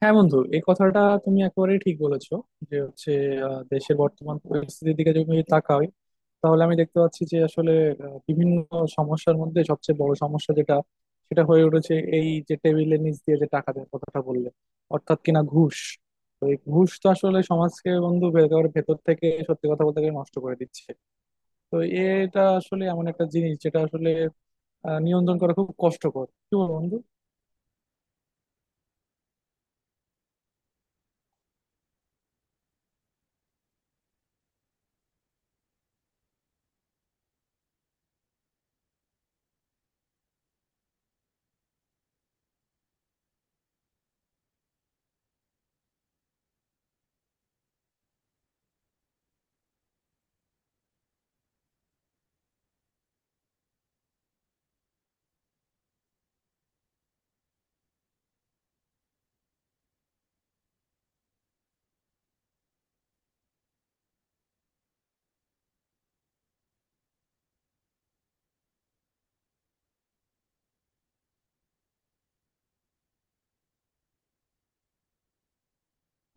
হ্যাঁ বন্ধু, এই কথাটা তুমি একেবারেই ঠিক বলেছো যে হচ্ছে দেশের বর্তমান পরিস্থিতির দিকে যদি আমি তাকাই, তাহলে আমি দেখতে পাচ্ছি যে আসলে বিভিন্ন সমস্যার মধ্যে সবচেয়ে বড় সমস্যা যেটা, সেটা হয়ে উঠেছে এই যে টেবিলের নিচ দিয়ে যে টাকা দেওয়ার কথাটা বললে, অর্থাৎ কিনা ঘুষ। তো এই ঘুষ তো আসলে সমাজকে বন্ধু একেবারে ভেতর থেকে সত্যি কথা বলতে গেলে নষ্ট করে দিচ্ছে। তো এটা আসলে এমন একটা জিনিস যেটা আসলে নিয়ন্ত্রণ করা খুব কষ্টকর, কি বল বন্ধু?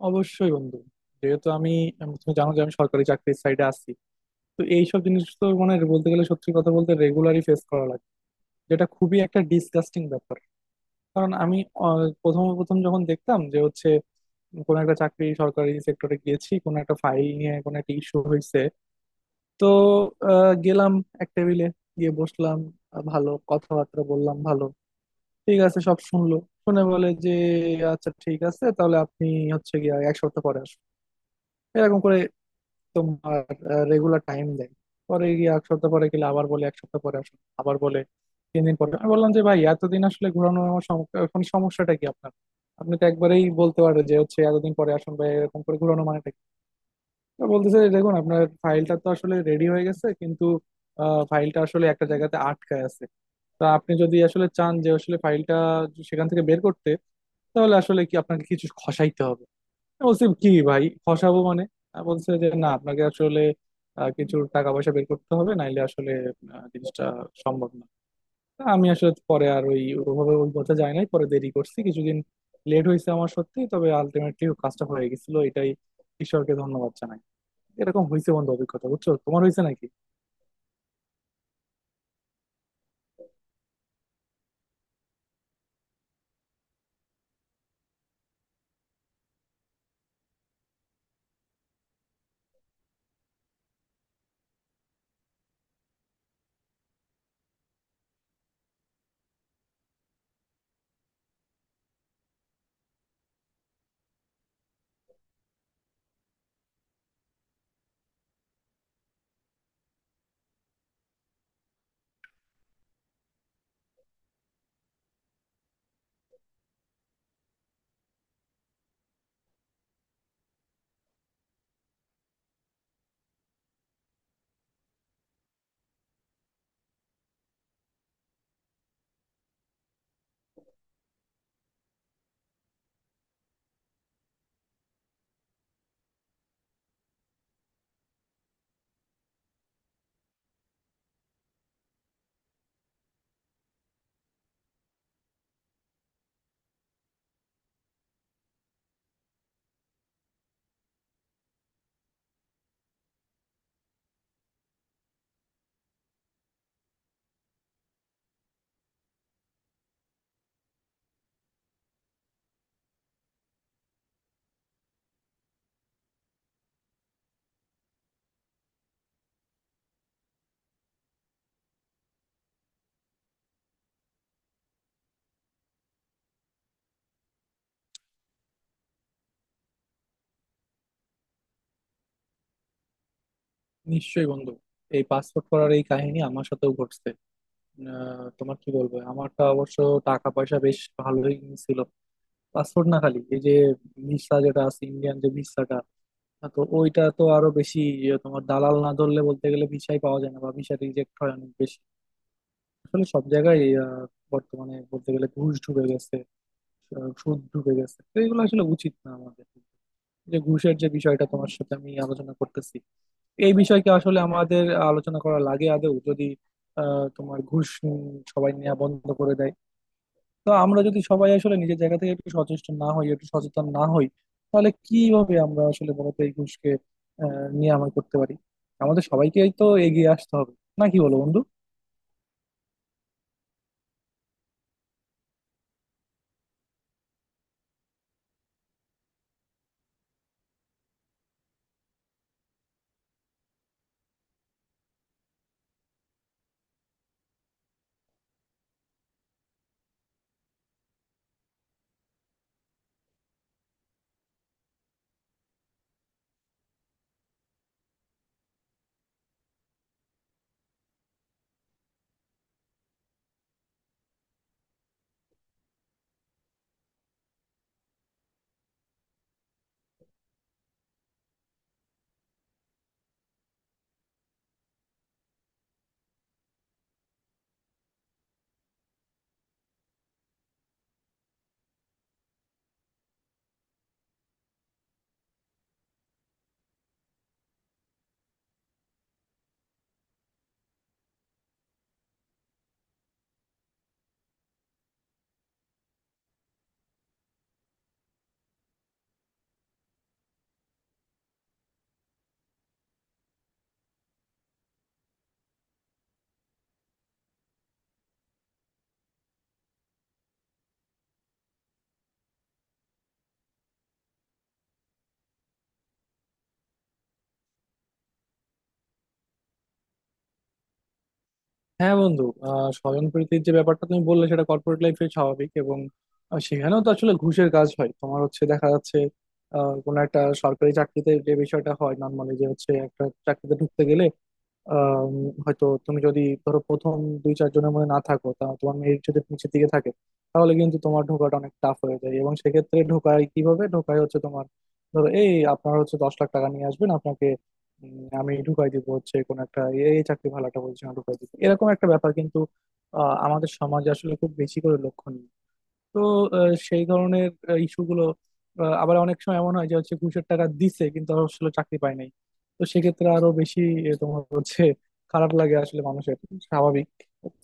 অবশ্যই বন্ধু, যেহেতু আমি তুমি জানো যে আমি সরকারি চাকরির সাইডে আছি, তো এইসব জিনিস তো মানে বলতে গেলে সত্যি কথা বলতে রেগুলারই ফেস করা লাগে, যেটা খুবই একটা ডিসগাস্টিং ব্যাপার। কারণ আমি প্রথম প্রথম যখন দেখতাম যে হচ্ছে কোন একটা চাকরি সরকারি সেক্টরে গিয়েছি, কোন একটা ফাইল নিয়ে কোন একটা ইস্যু হয়েছে, তো গেলাম এক টেবিলে গিয়ে বসলাম, ভালো কথাবার্তা বললাম ভালো, ঠিক আছে, সব শুনলো। শুনে বলে যে আচ্ছা ঠিক আছে, তাহলে আপনি হচ্ছে গিয়ে এক সপ্তাহ পরে আসুন। এরকম করে তোমার রেগুলার টাইম দেয়। পরে গিয়ে এক সপ্তাহ পরে গেলে আবার বলে এক সপ্তাহ পরে আসুন, আবার বলে তিন দিন পরে। আমি বললাম যে ভাই এতদিন আসলে ঘোরানো, আমার এখন সমস্যাটা কি আপনার? আপনি তো একবারেই বলতে পারেন যে হচ্ছে এতদিন পরে আসুন, বা এরকম করে ঘোরানো মানেটা কি? তো বলতেছে যে, দেখুন আপনার ফাইলটা তো আসলে রেডি হয়ে গেছে, কিন্তু ফাইলটা আসলে একটা জায়গাতে আটকায় আছে। তা আপনি যদি আসলে চান যে আসলে ফাইলটা সেখান থেকে বের করতে, তাহলে আসলে কি আপনাকে কিছু খসাইতে হবে। বলছি কি ভাই, ফসাবো মানে? আহ বলছে যে না আপনাকে আসলে কিছু টাকা পয়সা বের করতে হবে, নাইলে আসলে জিনিসটা সম্ভব না। তা আমি আসলে পরে আর ওই ওভাবে ওই পথে যাই নাই, পরে দেরি করছি কিছুদিন, লেট হয়েছে আমার সত্যি, তবে আলটিমেটলি কাজটা হয়ে গেছিল, এটাই ঈশ্বরকে ধন্যবাদ জানাই। এরকম হয়েছে বন্ধু অভিজ্ঞতা, বুঝছো? তোমার হয়েছে নাকি? নিশ্চয়ই বন্ধু, এই পাসপোর্ট করার এই কাহিনী আমার সাথেও ঘটছে। তোমার কি বলবো, আমারটা অবশ্য টাকা পয়সা বেশ ভালোই ছিল। পাসপোর্ট না, খালি এই যে ভিসা যেটা আছে, ইন্ডিয়ান যে ভিসাটা, হ্যাঁ, তো ওইটা তো আরো বেশি ইয়ে, তোমার দালাল না ধরলে বলতে গেলে ভিসাই পাওয়া যায় না, বা ভিসা রিজেক্ট হয় অনেক বেশি। আসলে সব জায়গায় আহ, বর্তমানে বলতে গেলে ঘুষ ঢুকে গেছে, সুদ ঢুকে গেছে, তো এগুলো আসলে উচিত না আমাদের। যে ঘুষের যে বিষয়টা তোমার সাথে আমি আলোচনা করতেছি, এই বিষয়কে আসলে আমাদের আলোচনা করা লাগে আদৌ যদি তোমার ঘুষ সবাই নেওয়া বন্ধ করে দেয়। তো আমরা যদি সবাই আসলে নিজের জায়গা থেকে একটু সচেষ্ট না হই, একটু সচেতন না হই, তাহলে কিভাবে আমরা আসলে মূলত এই ঘুষকে নিরাময় করতে পারি? আমাদের সবাইকেই তো এগিয়ে আসতে হবে, না কি বলো বন্ধু? হ্যাঁ বন্ধু, স্বজনপ্রীতির যে ব্যাপারটা তুমি বললে, সেটা কর্পোরেট লাইফে স্বাভাবিক, এবং সেখানেও তো আসলে ঘুষের কাজ হয়। তোমার হচ্ছে দেখা যাচ্ছে কোনো একটা সরকারি চাকরিতে যে বিষয়টা হয় নর্মালি, যে হচ্ছে একটা চাকরিতে ঢুকতে গেলে, আম, হয়তো তুমি যদি ধরো প্রথম দুই চারজনের মধ্যে না থাকো, তা তোমার মেরিট যদি নিচের দিকে থাকে, তাহলে কিন্তু তোমার ঢোকাটা অনেক টাফ হয়ে যায়। এবং সেক্ষেত্রে ঢোকায় কিভাবে ঢোকায়, হচ্ছে তোমার ধরো এই আপনার হচ্ছে 10 লাখ টাকা নিয়ে আসবেন আপনাকে, আমি ঢুকাই দিব হচ্ছে কোন একটা এই চাকরি ভালো একটা পজিশনে ঢুকাই দিব, এরকম একটা ব্যাপার কিন্তু আমাদের সমাজে আসলে খুব বেশি করে লক্ষণীয়, তো আহ, সেই ধরনের ইস্যুগুলো। আবার অনেক সময় এমন হয় যে হচ্ছে ঘুষের টাকা দিছে কিন্তু আর আসলে চাকরি পায় নাই, তো সেক্ষেত্রে আরো বেশি তোমার হচ্ছে খারাপ লাগে আসলে মানুষের, স্বাভাবিক।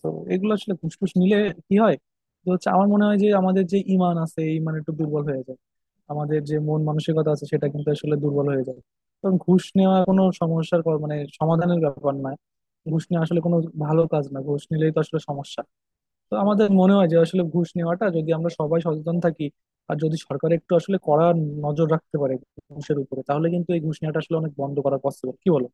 তো এগুলো আসলে ঘুষ টুস নিলে কি হয়, তো হচ্ছে আমার মনে হয় যে আমাদের যে ইমান আছে, এই ইমান একটু দুর্বল হয়ে যায়, আমাদের যে মন মানসিকতা আছে সেটা কিন্তু আসলে দুর্বল হয়ে যায়। কারণ ঘুষ নেওয়া কোনো সমস্যার মানে সমাধানের ব্যাপার না, ঘুষ নেওয়া আসলে কোনো ভালো কাজ না, ঘুষ নিলেই তো আসলে সমস্যা। তো আমাদের মনে হয় যে আসলে ঘুষ নেওয়াটা যদি আমরা সবাই সচেতন থাকি, আর যদি সরকার একটু আসলে কড়া নজর রাখতে পারে ঘুষের উপরে, তাহলে কিন্তু এই ঘুষ নেওয়াটা আসলে অনেক বন্ধ করা পসিবল, কি বলো?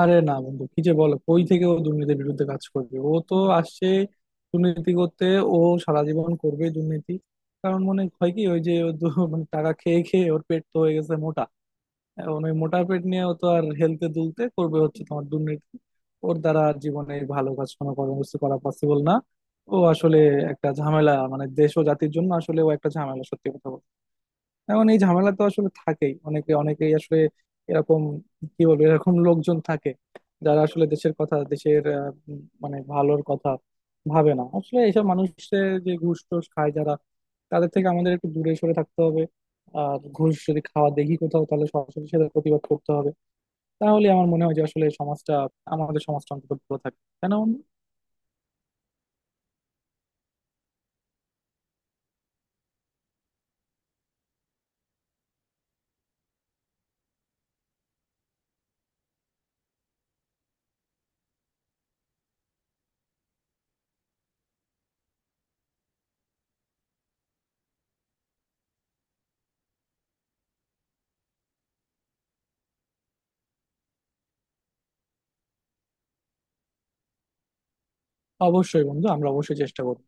আরে না বন্ধু, কি যে বলো, কই থেকে ও দুর্নীতির বিরুদ্ধে কাজ করবে, ও তো আসছে দুর্নীতি করতে। ও সারা জীবন করবে দুর্নীতি, কারণ মনে হয় কি, ওই যে ও মানে টাকা খেয়ে খেয়ে ওর পেট তো হয়ে গেছে মোটা, এখন ওই মোটা পেট নিয়েও তো আর হেলতে দুলতে করবে হচ্ছে তোমার দুর্নীতি। ওর দ্বারা জীবনে ভালো কাজ কোনো কর্মসূচি করা পসিবল না, ও আসলে একটা ঝামেলা, মানে দেশ ও জাতির জন্য আসলে ও একটা ঝামেলা সত্যি কথা বলতে। এখন এই ঝামেলা তো আসলে থাকেই, অনেকে অনেকেই আসলে এরকম, কি বলবো, এরকম লোকজন থাকে যারা আসলে দেশের কথা, দেশের মানে ভালোর কথা ভাবে না। আসলে এইসব মানুষের যে ঘুষ টুস খায় যারা, তাদের থেকে আমাদের একটু দূরে সরে থাকতে হবে, আর ঘুষ যদি খাওয়া দেখি কোথাও তাহলে সরাসরি সেটা প্রতিবাদ করতে হবে। তাহলে আমার মনে হয় যে আসলে সমাজটা, আমাদের সমাজটা অন্তত ভালো থাকে কেন। অবশ্যই বন্ধু, আমরা অবশ্যই চেষ্টা করবো।